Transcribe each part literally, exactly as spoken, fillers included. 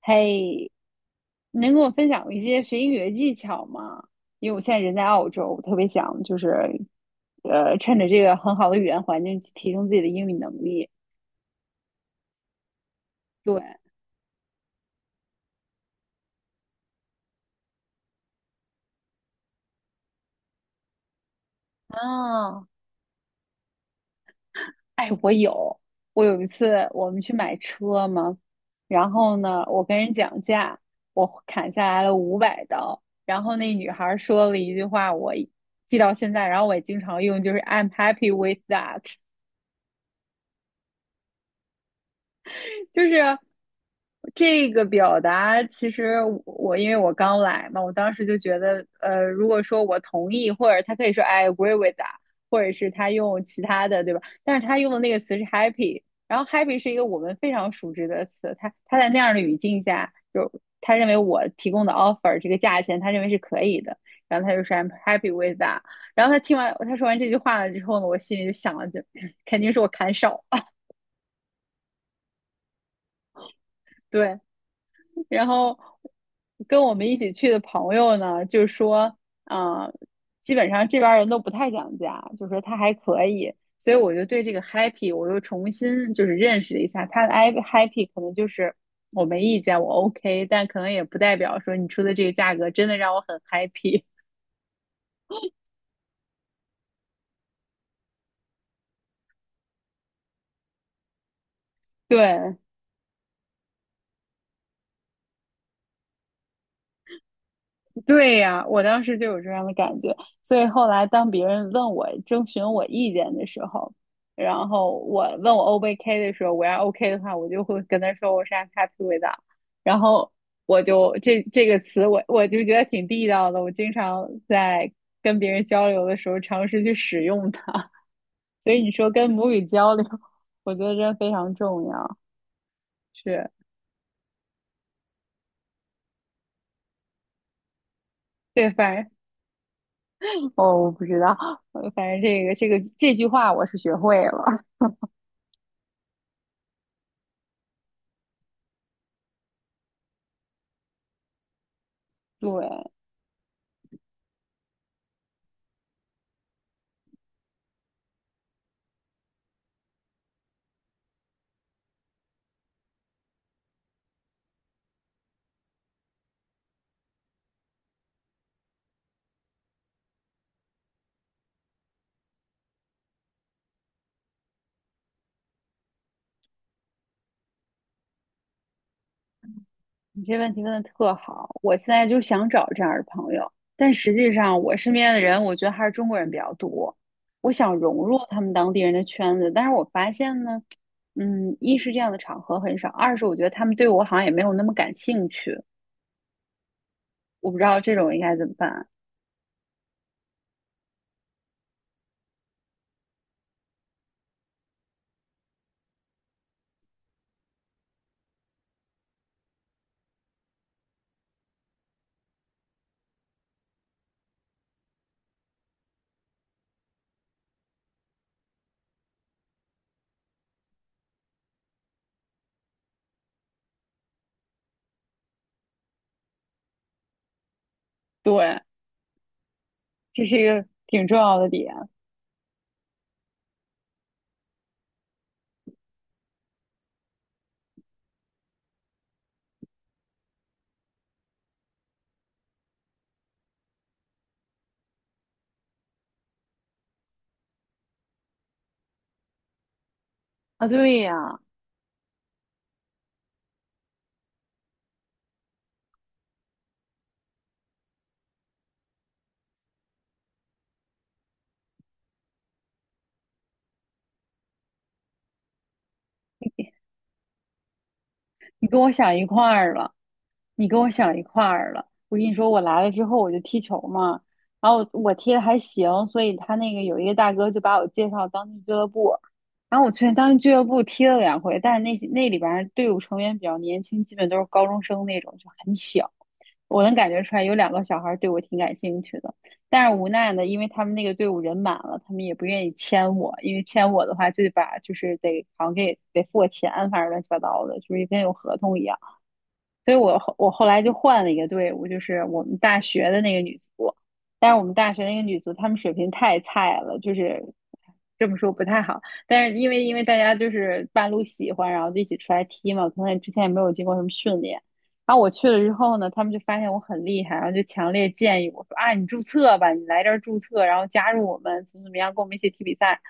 嘿，能跟我分享一些学英语的技巧吗？因为我现在人在澳洲，我特别想就是，呃，趁着这个很好的语言环境去提升自己的英语能力。对。啊。哎，我有，我有一次我们去买车嘛，然后呢，我跟人讲价，我砍下来了五百刀，然后那女孩儿说了一句话，我记到现在，然后我也经常用，就是 "I'm happy with that"，就是。这个表达其实我因为我刚来嘛，我当时就觉得，呃，如果说我同意，或者他可以说 I agree with that，或者是他用其他的，对吧？但是他用的那个词是 happy，然后 happy 是一个我们非常熟知的词，他他在那样的语境下，就他认为我提供的 offer 这个价钱，他认为是可以的，然后他就说 I'm happy with that。然后他听完他说完这句话了之后呢，我心里就想了就，肯定是我砍少，对。然后跟我们一起去的朋友呢，就说，啊、基本上这边儿人都不太讲价，就说他还可以，所以我就对这个 happy 我又重新就是认识了一下，他的 i happy 可能就是我没意见，我 OK，但可能也不代表说你出的这个价格真的让我很 happy。对。对呀，我当时就有这样的感觉，所以后来当别人问我征询我意见的时候，然后我问我 O 不 OK 的时候，我要 OK 的话，我就会跟他说我是 I'm happy with t h 然后我就这这个词我我就觉得挺地道的，我经常在跟别人交流的时候尝试去使用它。所以你说跟母语交流，我觉得真的非常重要，是。对，反正哦，我不知道，呃反正这个这个这句话我是学会了。对。你这问题问的特好，我现在就想找这样的朋友，但实际上我身边的人，我觉得还是中国人比较多。我想融入他们当地人的圈子，但是我发现呢，嗯，一是这样的场合很少，二是我觉得他们对我好像也没有那么感兴趣，我不知道这种应该怎么办。对。这是一个挺重要的点啊。对呀，你跟我想一块儿了，你跟我想一块儿了。我跟你说，我来了之后我就踢球嘛，然后我我踢的还行，所以他那个有一个大哥就把我介绍当地俱乐部，然后我去当地俱乐部踢了两回，但是那那里边儿队伍成员比较年轻，基本都是高中生那种，就很小，我能感觉出来有两个小孩儿对我挺感兴趣的。但是无奈呢，因为他们那个队伍人满了，他们也不愿意签我，因为签我的话就得把就是得好像给得付我钱，反正乱七八糟的，就是跟有合同一样。所以我后我后来就换了一个队伍，就是我们大学的那个女足。但是我们大学那个女足，她们水平太菜了，就是这么说不太好。但是因为因为大家就是半路喜欢，然后就一起出来踢嘛，可能之前也没有经过什么训练。然后我去了之后呢，他们就发现我很厉害，然后就强烈建议我说啊，你注册吧，你来这儿注册，然后加入我们，怎么怎么样，跟我们一起踢比赛。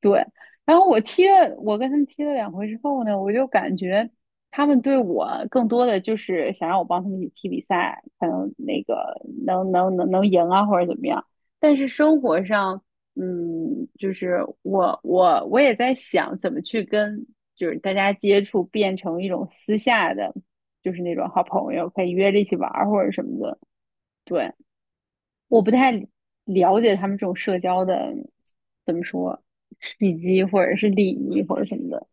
对。然后我踢了，我跟他们踢了两回之后呢，我就感觉他们对我更多的就是想让我帮他们一起踢比赛，可能那个能能能能赢啊，或者怎么样。但是生活上，嗯，就是我我我也在想怎么去跟就是大家接触，变成一种私下的，就是那种好朋友，可以约着一起玩儿或者什么的。对。我不太了解他们这种社交的，怎么说，契机或者是礼仪或者什么的。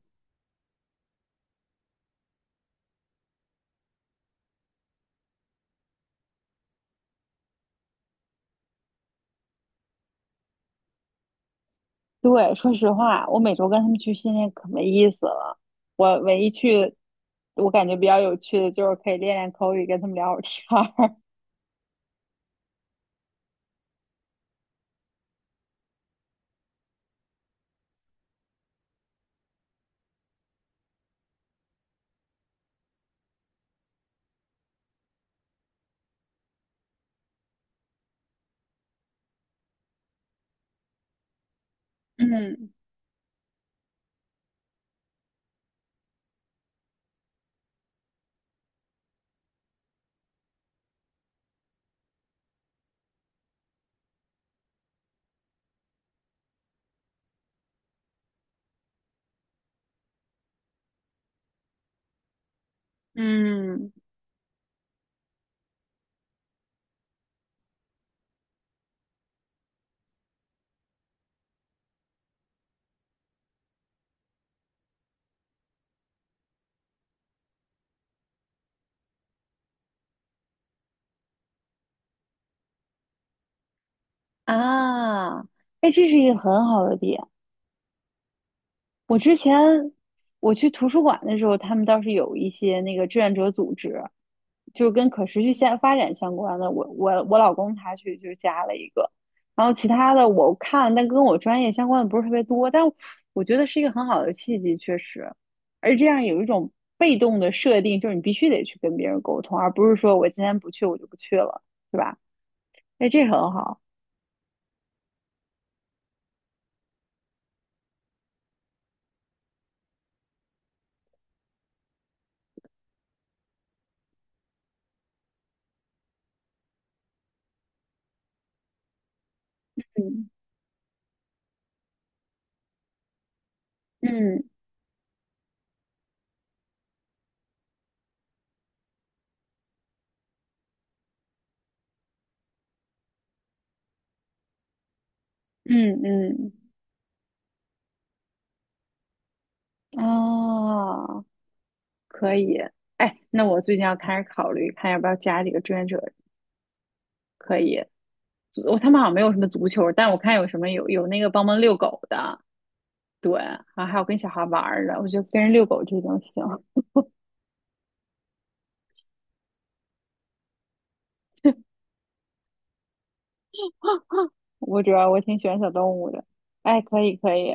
对，说实话，我每周跟他们去训练可没意思了。我唯一去，我感觉比较有趣的就是可以练练口语，跟他们聊会儿天儿。嗯嗯啊，哎，这是一个很好的点。我之前我去图书馆的时候，他们倒是有一些那个志愿者组织，就是跟可持续现发展相关的。我我我老公他去就加了一个，然后其他的我看了，但跟我专业相关的不是特别多。但我觉得是一个很好的契机，确实。而这样有一种被动的设定，就是你必须得去跟别人沟通，而不是说我今天不去我就不去了，对吧？哎，这很好。嗯嗯嗯嗯。啊。可以，哎，那我最近要开始考虑，看要不要加几个志愿者。可以，我他们好像没有什么足球，但我看有什么有有那个帮忙遛狗的，对，啊，还有跟小孩玩儿的，我觉得跟人遛狗这种行。我主要我挺喜欢小动物的，哎，可以可以，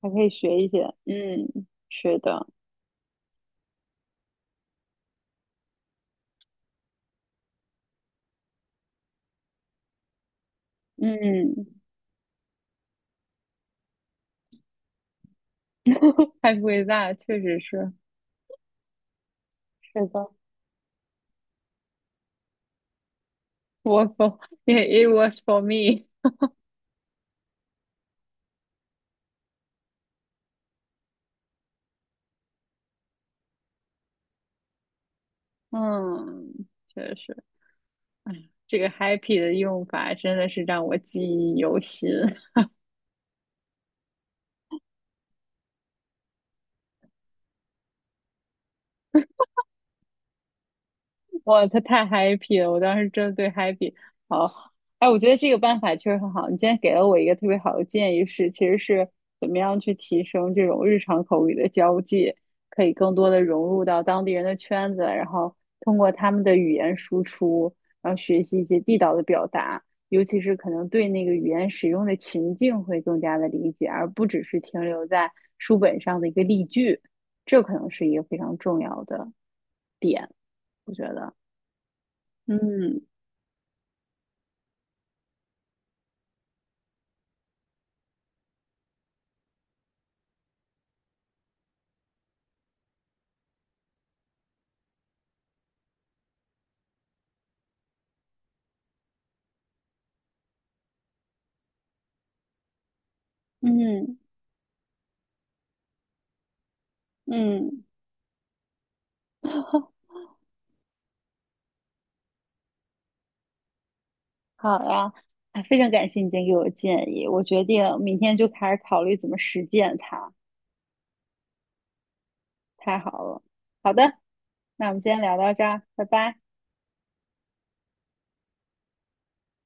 还可以学一些，嗯，是的，嗯。太贵大，确实是，是的。我 o r k f it it was for me，嗯，确实。这个 happy 的用法真的是让我记忆犹新。哇，他太 happy 了，我当时真的对 happy 好。哎，我觉得这个办法确实很好。你今天给了我一个特别好的建议是，其实是怎么样去提升这种日常口语的交际，可以更多的融入到当地人的圈子，然后通过他们的语言输出，然后学习一些地道的表达，尤其是可能对那个语言使用的情境会更加的理解，而不只是停留在书本上的一个例句。这可能是一个非常重要的点，我觉得。嗯，嗯嗯。好呀，啊，非常感谢你今天给我的建议，我决定明天就开始考虑怎么实践它，太好了。好的，那我们今天聊到这儿，拜拜。